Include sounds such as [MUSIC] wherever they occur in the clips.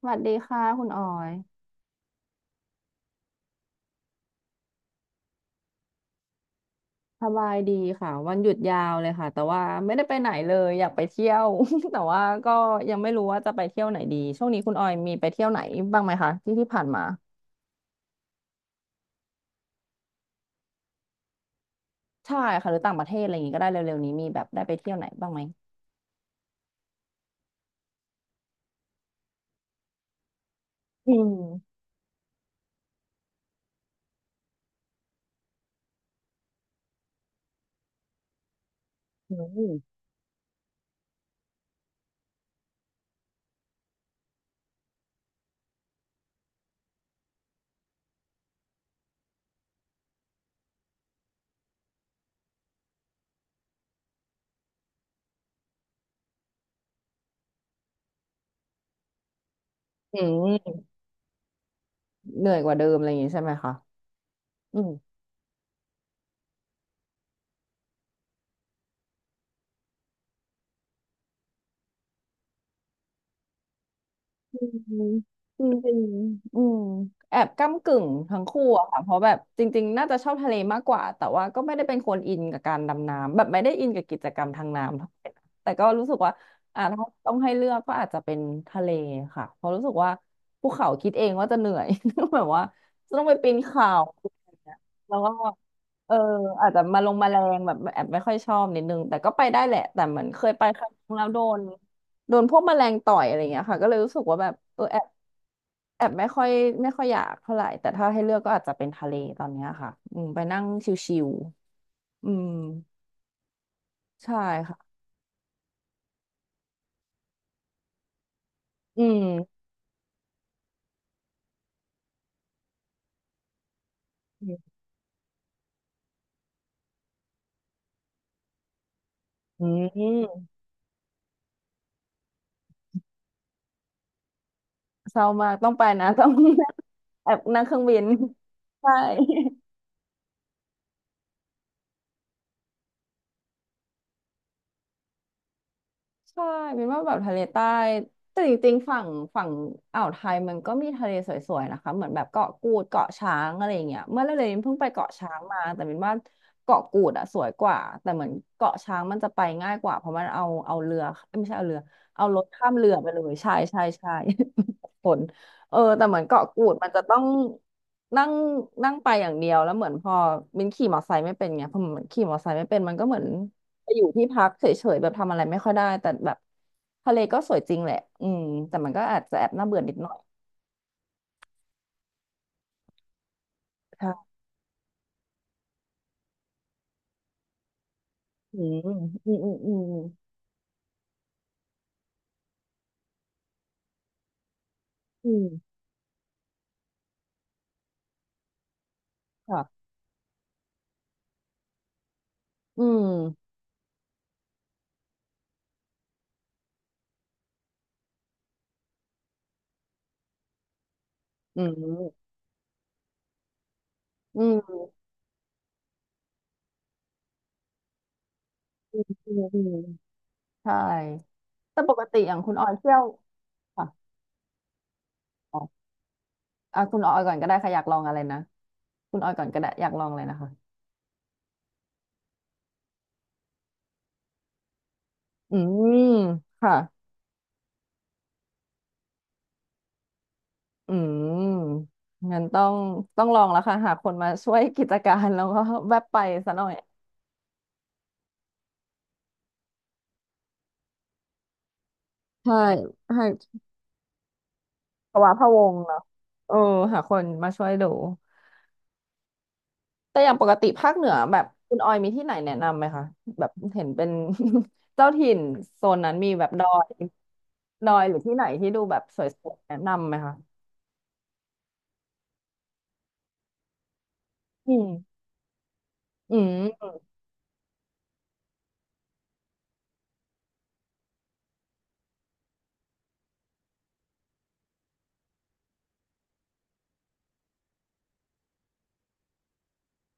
สวัสดีค่ะคุณออยสบายดีค่ะวันหยุดยาวเลยค่ะแต่ว่าไม่ได้ไปไหนเลยอยากไปเที่ยว [LAUGHS] แต่ว่าก็ยังไม่รู้ว่าจะไปเที่ยวไหนดีช่วงนี้คุณออยมีไปเที่ยวไหนบ้างไหมคะที่ที่ผ่านมาใช่ค่ะหรือต่างประเทศอะไรอย่างงี้ก็ได้เร็วๆนี้มีแบบได้ไปเที่ยวไหนบ้างไหมอืมอืมอืมเหนื่อยกว่าเดิมอะไรอย่างงี้ใช่ไหมคะอืม อืมจริงๆแอบก้ำกึ่งทั้งคู่อะค่ะเพราะแบบจริงๆน่าจะชอบทะเลมากกว่าแต่ว่าก็ไม่ได้เป็นคนอินกับการดำน้ำแบบไม่ได้อินกับกิจกรรมทางน้ำเท่าไหร่นะแต่ก็รู้สึกว่าถ้าต้องให้เลือกก็อาจจะเป็นทะเลค่ะเพราะรู้สึกว่าภูเขาคิดเองว่าจะเหนื่อย [LAUGHS] แบบว่าจะต้องไปปีนเขาอะไรอย่างเงี้ยแล้วก็เอออาจจะมาลงมาแรงแบบแอบไม่ค่อยชอบนิดนึงแต่ก็ไปได้แหละแต่เหมือนเคยไปครั้งแล้วโดน โดนพวกแมลงต่อยอะไรเงี้ยค่ะก็เลยรู้สึกว่าแบบเออแอบแอบไม่ค่อยไม่ค่อยอยากเท่าไหร่แต่ถ้าให้เลือกก็อาจจะเป็นทะเลตอนเนี้ยค่ะอืมไปนั่งชิวๆอืมใช่ค่ะอืมอืมอืมเศร้ามากต้องไปนะต้อง [LAUGHS] แอบนั่งเครื่องบินใช่ ใช่เป็นว่าแบบทะเลใต้แต่จริงๆฝั่งฝั่งอ่าวไทยมันก็มีทะเลสวยๆนะคะเหมือนแบบเกาะกูดเกาะช้างอะไรอย่างเงี้ยเมื่อเร็วๆนี้เพิ่งไปเกาะช้างมาแต่เป็นว่าเกาะกูดอะสวยกว่าแต่เหมือนเกาะช้างมันจะไปง่ายกว่าเพราะมันเอาเรือเอ้ยไม่ใช่เอาเรือเอารถข้ามเรือไปเลยใช่ใช่ใช่ [LAUGHS] ผลเออแต่เหมือนเกาะกูดมันจะต้องนั่งนั่งไปอย่างเดียวแล้วเหมือนพอมินขี่มอเตอร์ไซค์ไม่เป็นไงพอมินขี่มอเตอร์ไซค์ไม่เป็นมันก็เหมือน ไปอยู่ที่พักเฉยๆแบบทำอะไรไม่ค่อยได้แต่แบบทะเลก็สวยจริงแหละอืมแต่มันก็อาจจะแอบน่าเบื่อนิดหน่อยใช่อืมอืมอืมอืมอืมค่ะอืมอืมอืมอืมอืมใช่แต่ปกติอย่างคุณออยเที่ยวค่ะอ๋ออ่ะคุณออยก่อนก็ได้ค่ะอยากลองอะไรนะคุณออยก่อนก็ได้อยากลองอะไรนะคะอืมค่ะอืมงั้นต้องต้องลองแล้วค่ะหาคนมาช่วยกิจการแล้วก็แวบไปซะหน่อยใช่ให้ ภาวะพะวงเหรอเออหาคนมาช่วยดูแต่อย่างปกติภาคเหนือแบบคุณออยมีที่ไหนแนะนำไหมคะแบบเห็นเป็น [LAUGHS] เจ้าถิ่นโซนนั้นมีแบบดอยดอยหรือที่ไหนที่ดูแบบสวยๆแนะนำไหมคะอืมอืม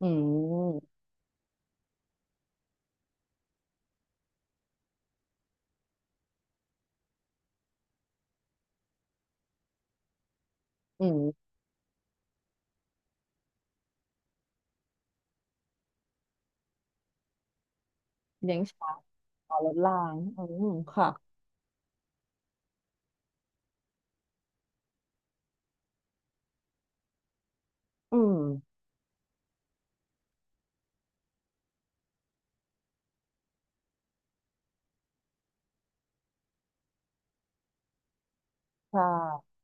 อืมอืมเลี้ยงช้างต่อรถรางอืมค่ะอืมค่่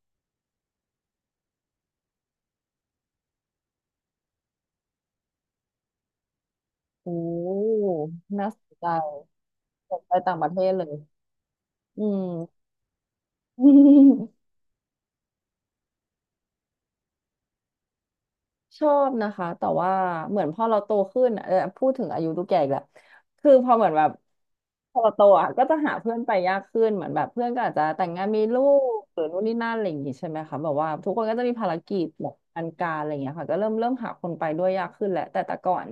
โอ้น่าสนใจสนใจต่างประเทศเลยอืม [LAUGHS] ชอบนะคะแต่ว่าเหมือนพอเราโตขึ้นอะเออพูดถึงอายุทูกแก่อีกแล้วคือพอเหมือนแบบพอเราโตอ่ะก็จะหาเพื่อนไปยากขึ้นเหมือนแบบเพื่อนก็อาจจะแต่งงานมีลูกหรือนู่นนี่นั่นอะไรอย่างงี้ใช่ไหมคะแบบว่าทุกคนก็จะมีภารกิจแบบอันการอะไรอย่างเงี้ยค่ะก็เริ่มเริ่มหาคนไปด้วยยากขึ้นแหละแต่แต่ก่อน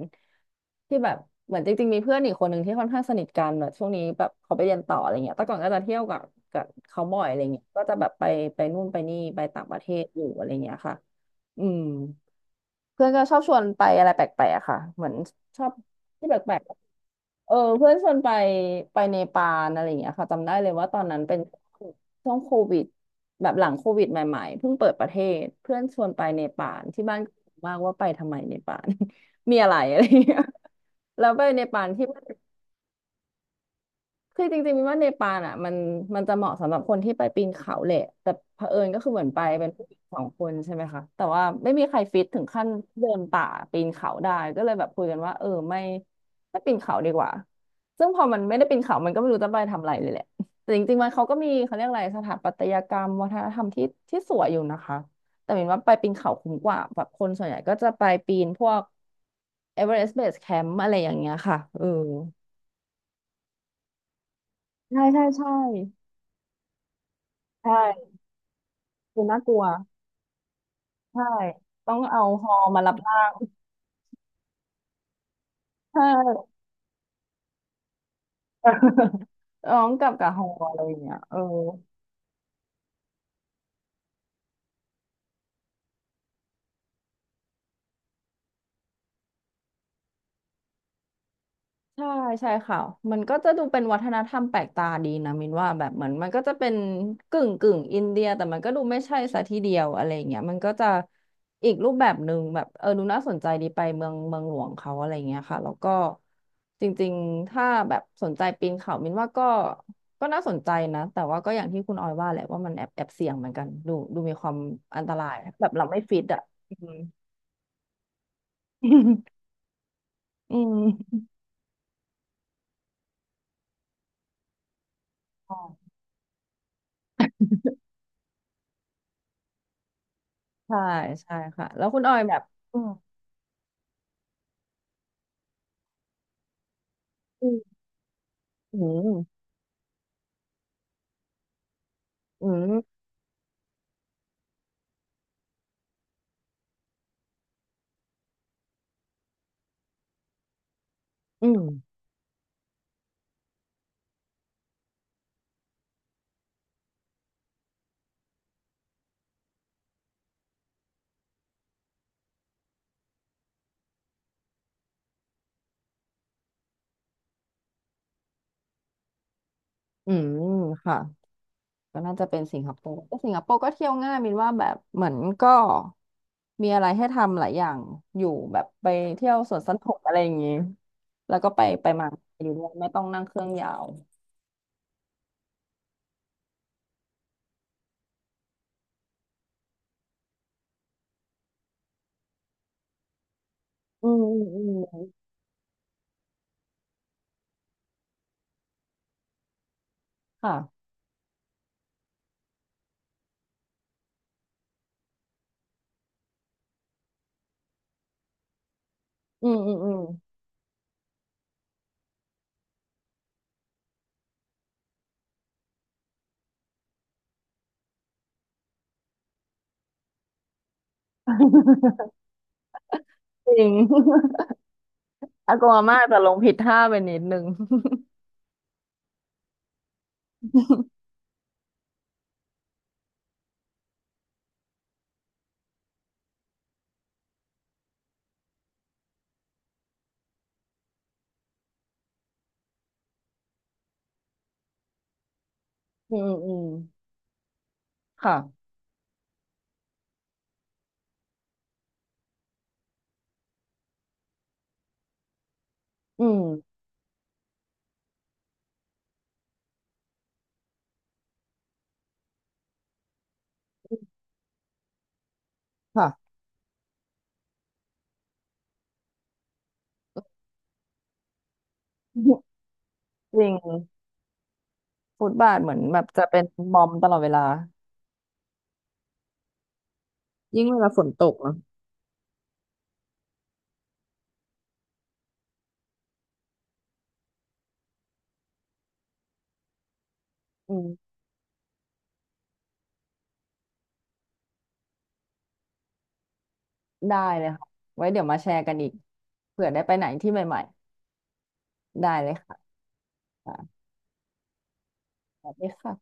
ที่แบบเหมือนจริงๆมีเพื่อนอีกคนหนึ่งที่ค่อนข้างสนิทกันแบบช่วงนี้แบบเขาไปเรียนต่ออะไรเงี้ยแต่ก่อนก็จะเที่ยวกับกับเขาบ่อยอะไรเงี้ยก็จะแบบไปไปนู่นไปนี่ไปต่างประเทศอยู่อะไรเงี้ยค่ะอืม เพื่อนก็ชอบชวนไปอะไรแปลกๆอะค่ะเหมือนชอบที่แปลกๆเออเพื่อนชวนไปไปเนปาลอะไรอย่างเงี้ยค่ะจำได้เลยว่าตอนนั้นเป็นช่วงโควิดแบบหลังโควิดใหม่ๆเพิ่งเปิดประเทศเพื่อนชวนไปเนปาลที่บ้านก็งงมากว่าไปทำไมเนปาล [LAUGHS] มีอะไรอะไรอย่างเงี้ยแล้วไปเนปาลที่ คือจริงๆมินว่าเนปาลอ่ะมันมันจะเหมาะสำหรับคนที่ไปปีนเขาแหละแต่เผอิญก็คือเหมือนไปเป็นผู้หญิงสองคนใช่ไหมคะแต่ว่าไม่มีใครฟิตถึงขั้นเดินป่าปีนเขาได้ก็เลยแบบคุยกันว่าเออไม่ไม่ปีนเขาดีกว่าซึ่งพอมันไม่ได้ปีนเขา มันก็ไม่รู้จะไปทำอะไรเลยแหละแต่จริงๆมันเขาก็มีเขาเรียกอะไรสถาปัตยกรรมวัฒนธรรมที่ที่สวยอยู่นะคะแต่มินว่าไปปีนเขาคุ้มกว่าแบบคนส่วนใหญ่ก็จะไปปีนพวกเอเวอเรสต์เบสแคมป์อะไรอย่างเงี้ยค่ะเออใช่ใช่ใช่ใช่ ดูน่ากลัวใช่ต้องเอาฮอมารับร่างใช่ [LAUGHS] ร้องกลับกับฮออะไรอย่างเงี้ยเออ ใช่ใช่ค่ะมันก็จะดูเป็นวัฒนธรรมแปลกตาดีนะมินว่าแบบเหมือนมันก็จะเป็นกึ่งกึ่งอินเดียแต่มันก็ดูไม่ใช่ซะทีเดียวอะไรอย่างเงี้ยมันก็จะอีกรูปแบบหนึ่งแบบเออดูน่าสนใจดีไปเมืองเมืองหลวงเขาอะไรเงี้ยค่ะแล้วก็จริงๆถ้าแบบสนใจปีนเขามินว่าก็ก็น่าสนใจนะแต่ว่าก็อย่างที่คุณออยว่าแหละว่ามันแอบแอบเสี่ยงเหมือนกันดูดูมีความอันตรายแบบเราไม่ฟิตอ่ะอืม [LAUGHS] อืม [LAUGHS] ใช่ใช่ค่ะแล้วคุณออยแบบอืม อืมอืมอืมอืมอืมค่ะก็น่าจะเป็นสิงคโปร์แต่สิงคโปร์ก็เที่ยวง่ายมินว่าแบบเหมือนก็มีอะไรให้ทำหลายอย่าง อยู่แบบไปเที่ยวสวนสนุกอะไรอย่างงี้แล้วก็ไปไปมาอยู่ด้วยไม่ต้องนั่งเครื่องยาวอืมอืมอืมค่ะอืม อืมอืม [LAUGHS] จริง [LAUGHS] อากงอาม่าจะลงผิดท่าไปนิดนึง [LAUGHS] อืมอืมอืมค่ะ อืม ค่ะ [LAUGHS] จริง ฟุตบาทเหมือนแบบจะเป็นมอมตลอดเวลายิ่งเวลาฝนตกเนอะอืมได้เลยค่ะไว้เดี๋ยวมาแชร์กันอีกเผื่อได้ไปไหนที่ใหม่ๆได้เลยค่ะค่ะสวัสดีค่ะ